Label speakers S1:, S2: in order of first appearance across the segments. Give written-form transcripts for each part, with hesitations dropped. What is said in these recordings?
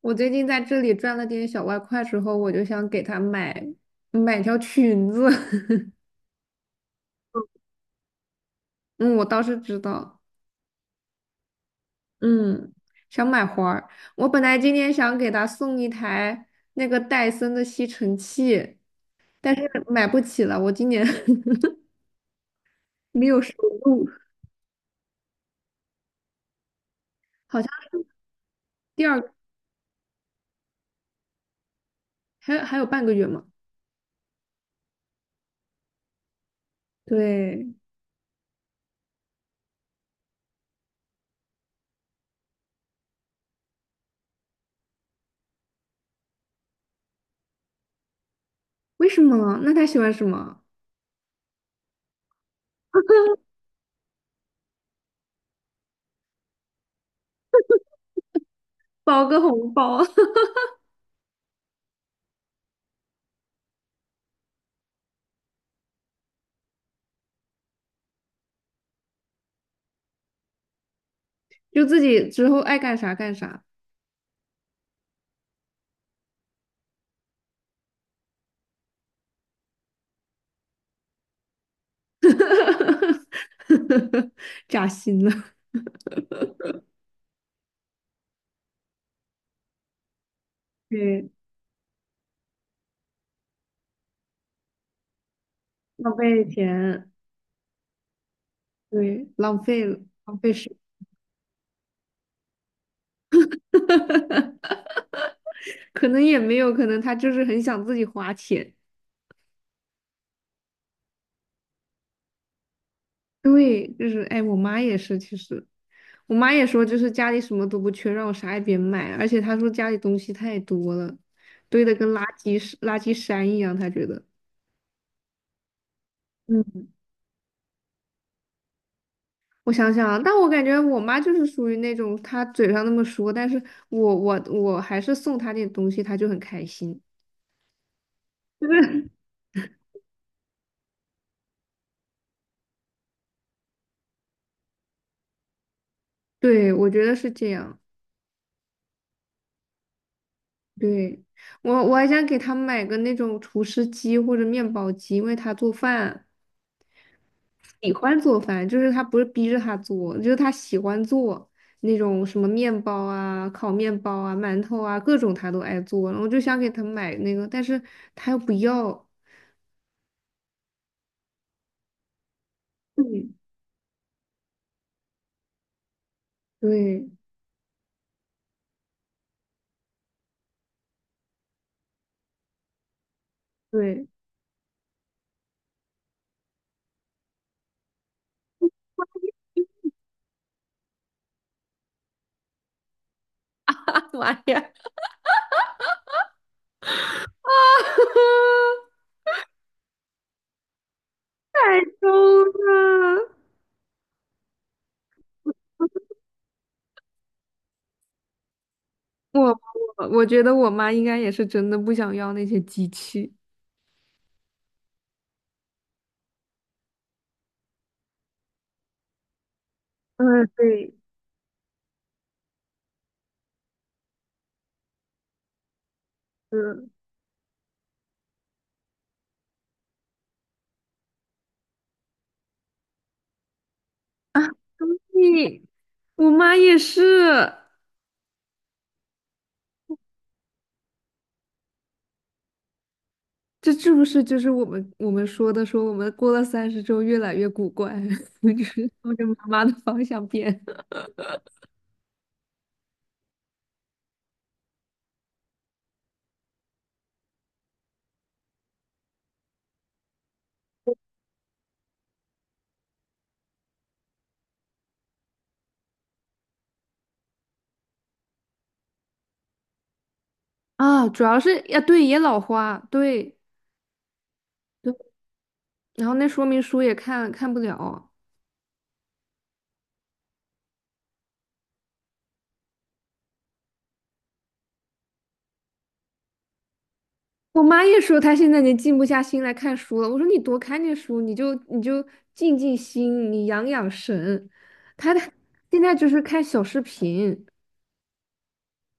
S1: 我最近在这里赚了点小外快之后，我就想给他买条裙子。嗯，我倒是知道。嗯，想买花儿。我本来今天想给他送一台那个戴森的吸尘器，但是买不起了，我今年 没有收入。好像第二还有半个月嘛。对。为什么？那他喜欢什么？包个红包。就自己之后爱干啥干啥。扎心了。对。浪费钱。对，浪费了。浪费时，可能也没有，可能他就是很想自己花钱。对，就是哎，我妈也是。其实我妈也说，就是家里什么都不缺，让我啥也别买，而且她说家里东西太多了，堆的跟垃圾山一样，她觉得。嗯，我想想啊，但我感觉我妈就是属于那种，她嘴上那么说，但是我还是送她点东西，她就很开心。就是 对，我觉得是这样。对，我还想给他买个那种厨师机或者面包机，因为他做饭喜欢做饭，就是他不是逼着他做，就是他喜欢做那种什么面包啊、烤面包啊、馒头啊，各种他都爱做。我就想给他买那个，但是他又不要。嗯，对对。妈呀！天呐，我觉得我妈应该也是真的不想要那些机器。嗯，对。嗯，对，我妈也是。这是不是就是我们说的，说我们过了三十之后越来越古怪，就是朝着妈妈的方向变啊？主要是呀，对，也老花。对对，然后那说明书也看不了。我妈也说她现在已经静不下心来看书了。我说你多看点书，你就静静心，你养养神。现在就是看小视频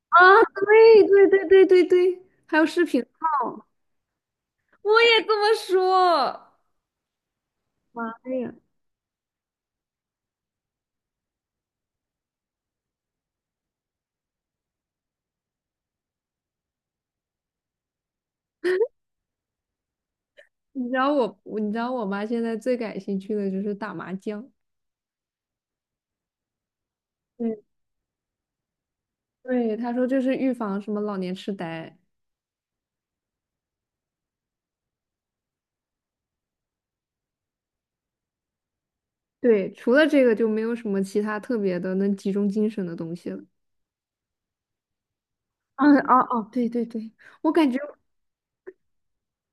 S1: 啊，对对对对对对，还有视频号。我也这么说。妈呀！你知道我妈现在最感兴趣的就是打麻将。对。对，她说这是预防什么老年痴呆。对，除了这个就没有什么其他特别的能集中精神的东西了。嗯，哦哦，对对对。我感觉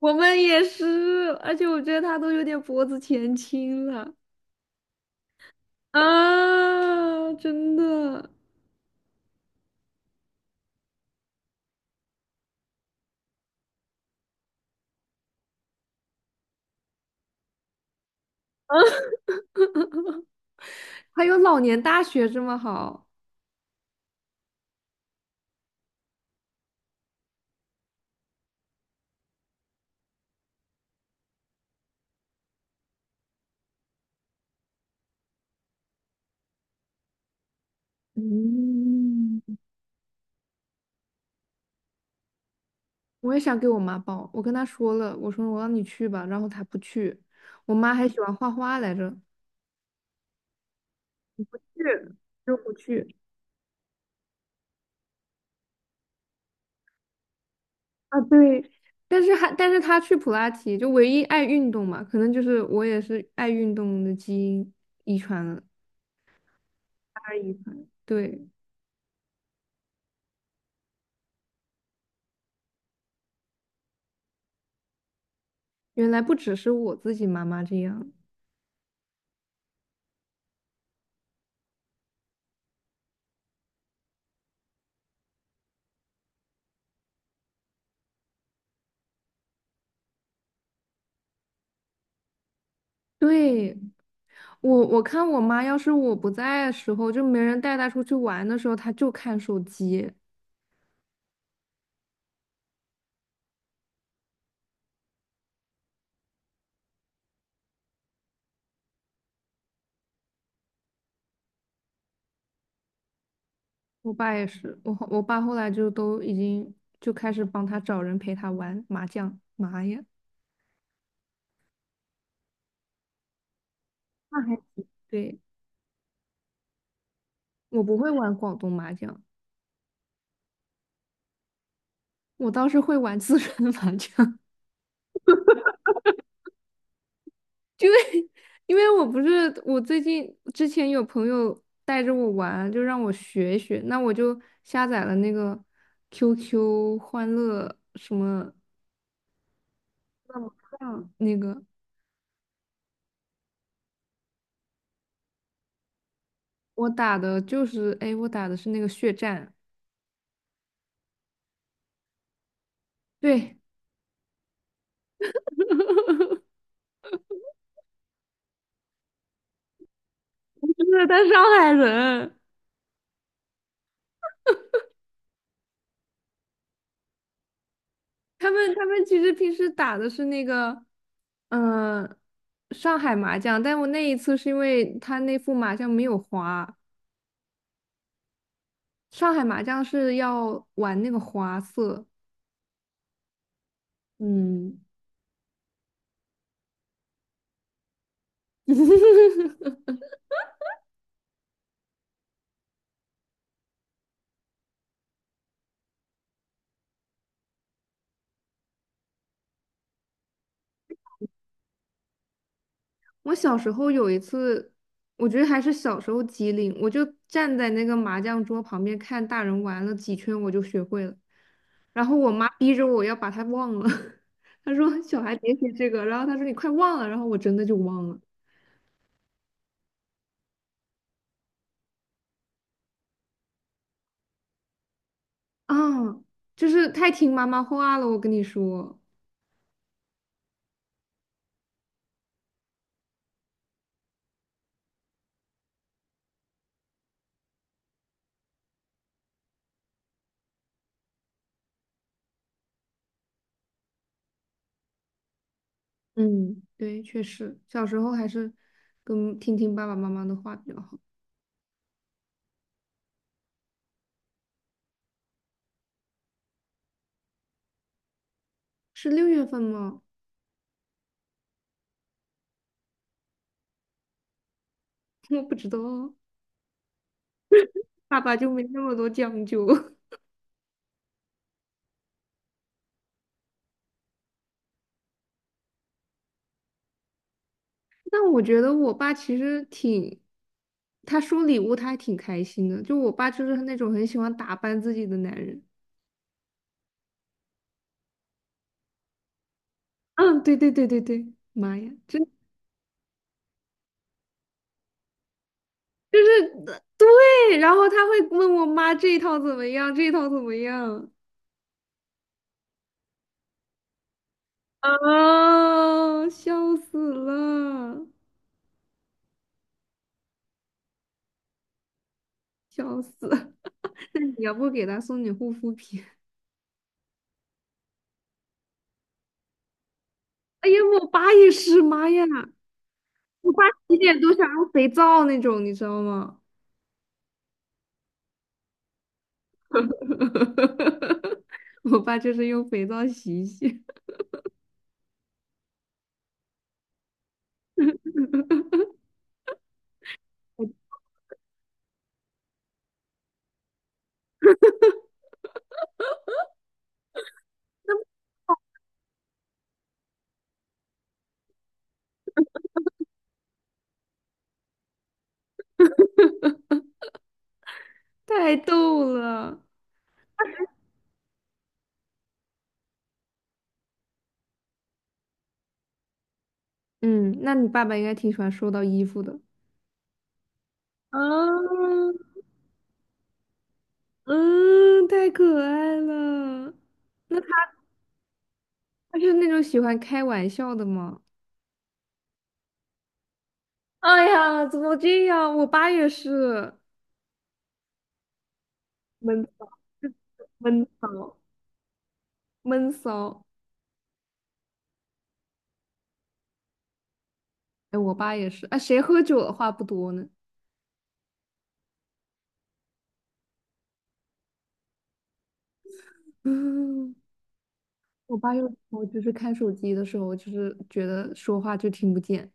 S1: 我们也是，而且我觉得她都有点脖子前倾了啊，真的。还有老年大学这么好。嗯。我也想给我妈报，我跟她说了，我说我让你去吧，然后她不去。我妈还喜欢画画来着，去就不去啊。对，但是她去普拉提，就唯一爱运动嘛，可能就是我也是爱运动的基因遗传了，大家遗传。对，原来不只是我自己妈妈这样。对，我看我妈，要是我不在的时候，就没人带她出去玩的时候，她就看手机。我爸也是，我爸后来就都已经就开始帮他找人陪他玩麻将。妈呀。那还挺对。我不会玩广东麻将。我倒是会玩四川 麻将。因为我不是我最近之前有朋友带着我玩，就让我学一学。那我就下载了那个 QQ 欢乐什么乐麻将那个。我打的就是，哎，我打的是那个血战。对。不是他上海人。他们其实平时打的是那个，嗯、上海麻将。但我那一次是因为他那副麻将没有花。上海麻将是要玩那个花色。嗯。我小时候有一次，我觉得还是小时候机灵，我就站在那个麻将桌旁边看大人玩了几圈，我就学会了。然后我妈逼着我要把它忘了，她说小孩别学这个，然后她说你快忘了，然后我真的就忘了。啊，就是太听妈妈话了，我跟你说。嗯，对，确实，小时候还是跟听听爸爸妈妈的话比较好。是六月份吗？我不知道啊。爸爸就没那么多讲究。但我觉得我爸其实挺，他收礼物他还挺开心的。就我爸就是那种很喜欢打扮自己的男人。嗯，对对对对对，妈呀，真就是对，然后他会问我妈这一套怎么样，这一套怎么样。啊，笑死了，笑死！那你要不给他送点护肤品？哎呀，我爸也是，妈呀，我爸洗脸都想用肥皂那种，你知道吗？我爸就是用肥皂洗一洗。太逗了。嗯，那你爸爸应该挺喜欢收到衣服的。啊，嗯，太可爱了。那他是那种喜欢开玩笑的吗？哎呀，怎么这样？我爸也是闷骚，闷骚，闷骚。哎，我爸也是。哎，谁喝酒的话不多呢？嗯，我爸有时候就是看手机的时候，就是觉得说话就听不见。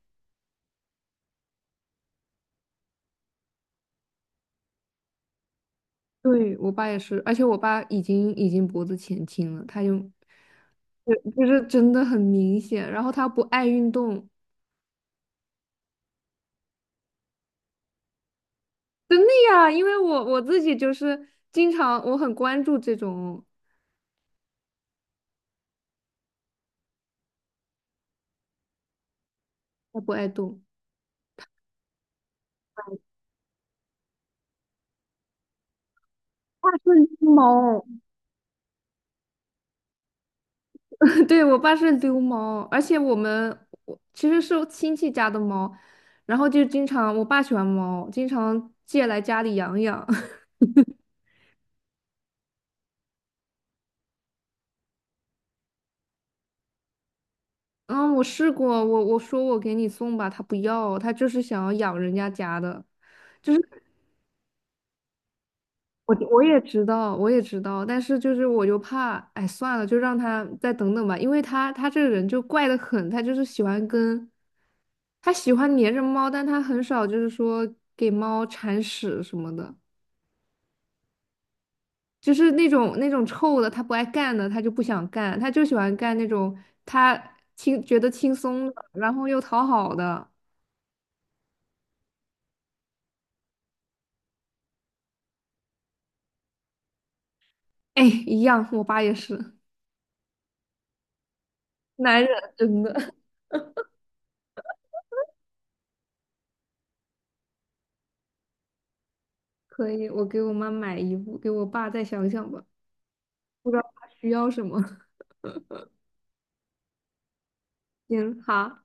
S1: 对，我爸也是，而且我爸已经脖子前倾了，他就是真的很明显。然后他不爱运动，真的呀，因为我自己就是经常我很关注这种，他不爱动。大顺之猫。对，我爸是流氓，而且我其实是亲戚家的猫。然后就经常我爸喜欢猫，经常借来家里养养。嗯，我试过，我说我给你送吧，他不要，他就是想要养人家家的。我也知道，我也知道，但是就是我就怕，哎，算了，就让他再等等吧，因为他这个人就怪得很，他就是喜欢跟，他喜欢黏着猫，但他很少就是说给猫铲屎什么的。就是那种臭的，他不爱干的，他就不想干，他就喜欢干那种他觉得轻松的，然后又讨好的。哎，一样，我爸也是男人，真的 可以。我给我妈买衣服，给我爸再想想吧，不知道他需要什么。行，好。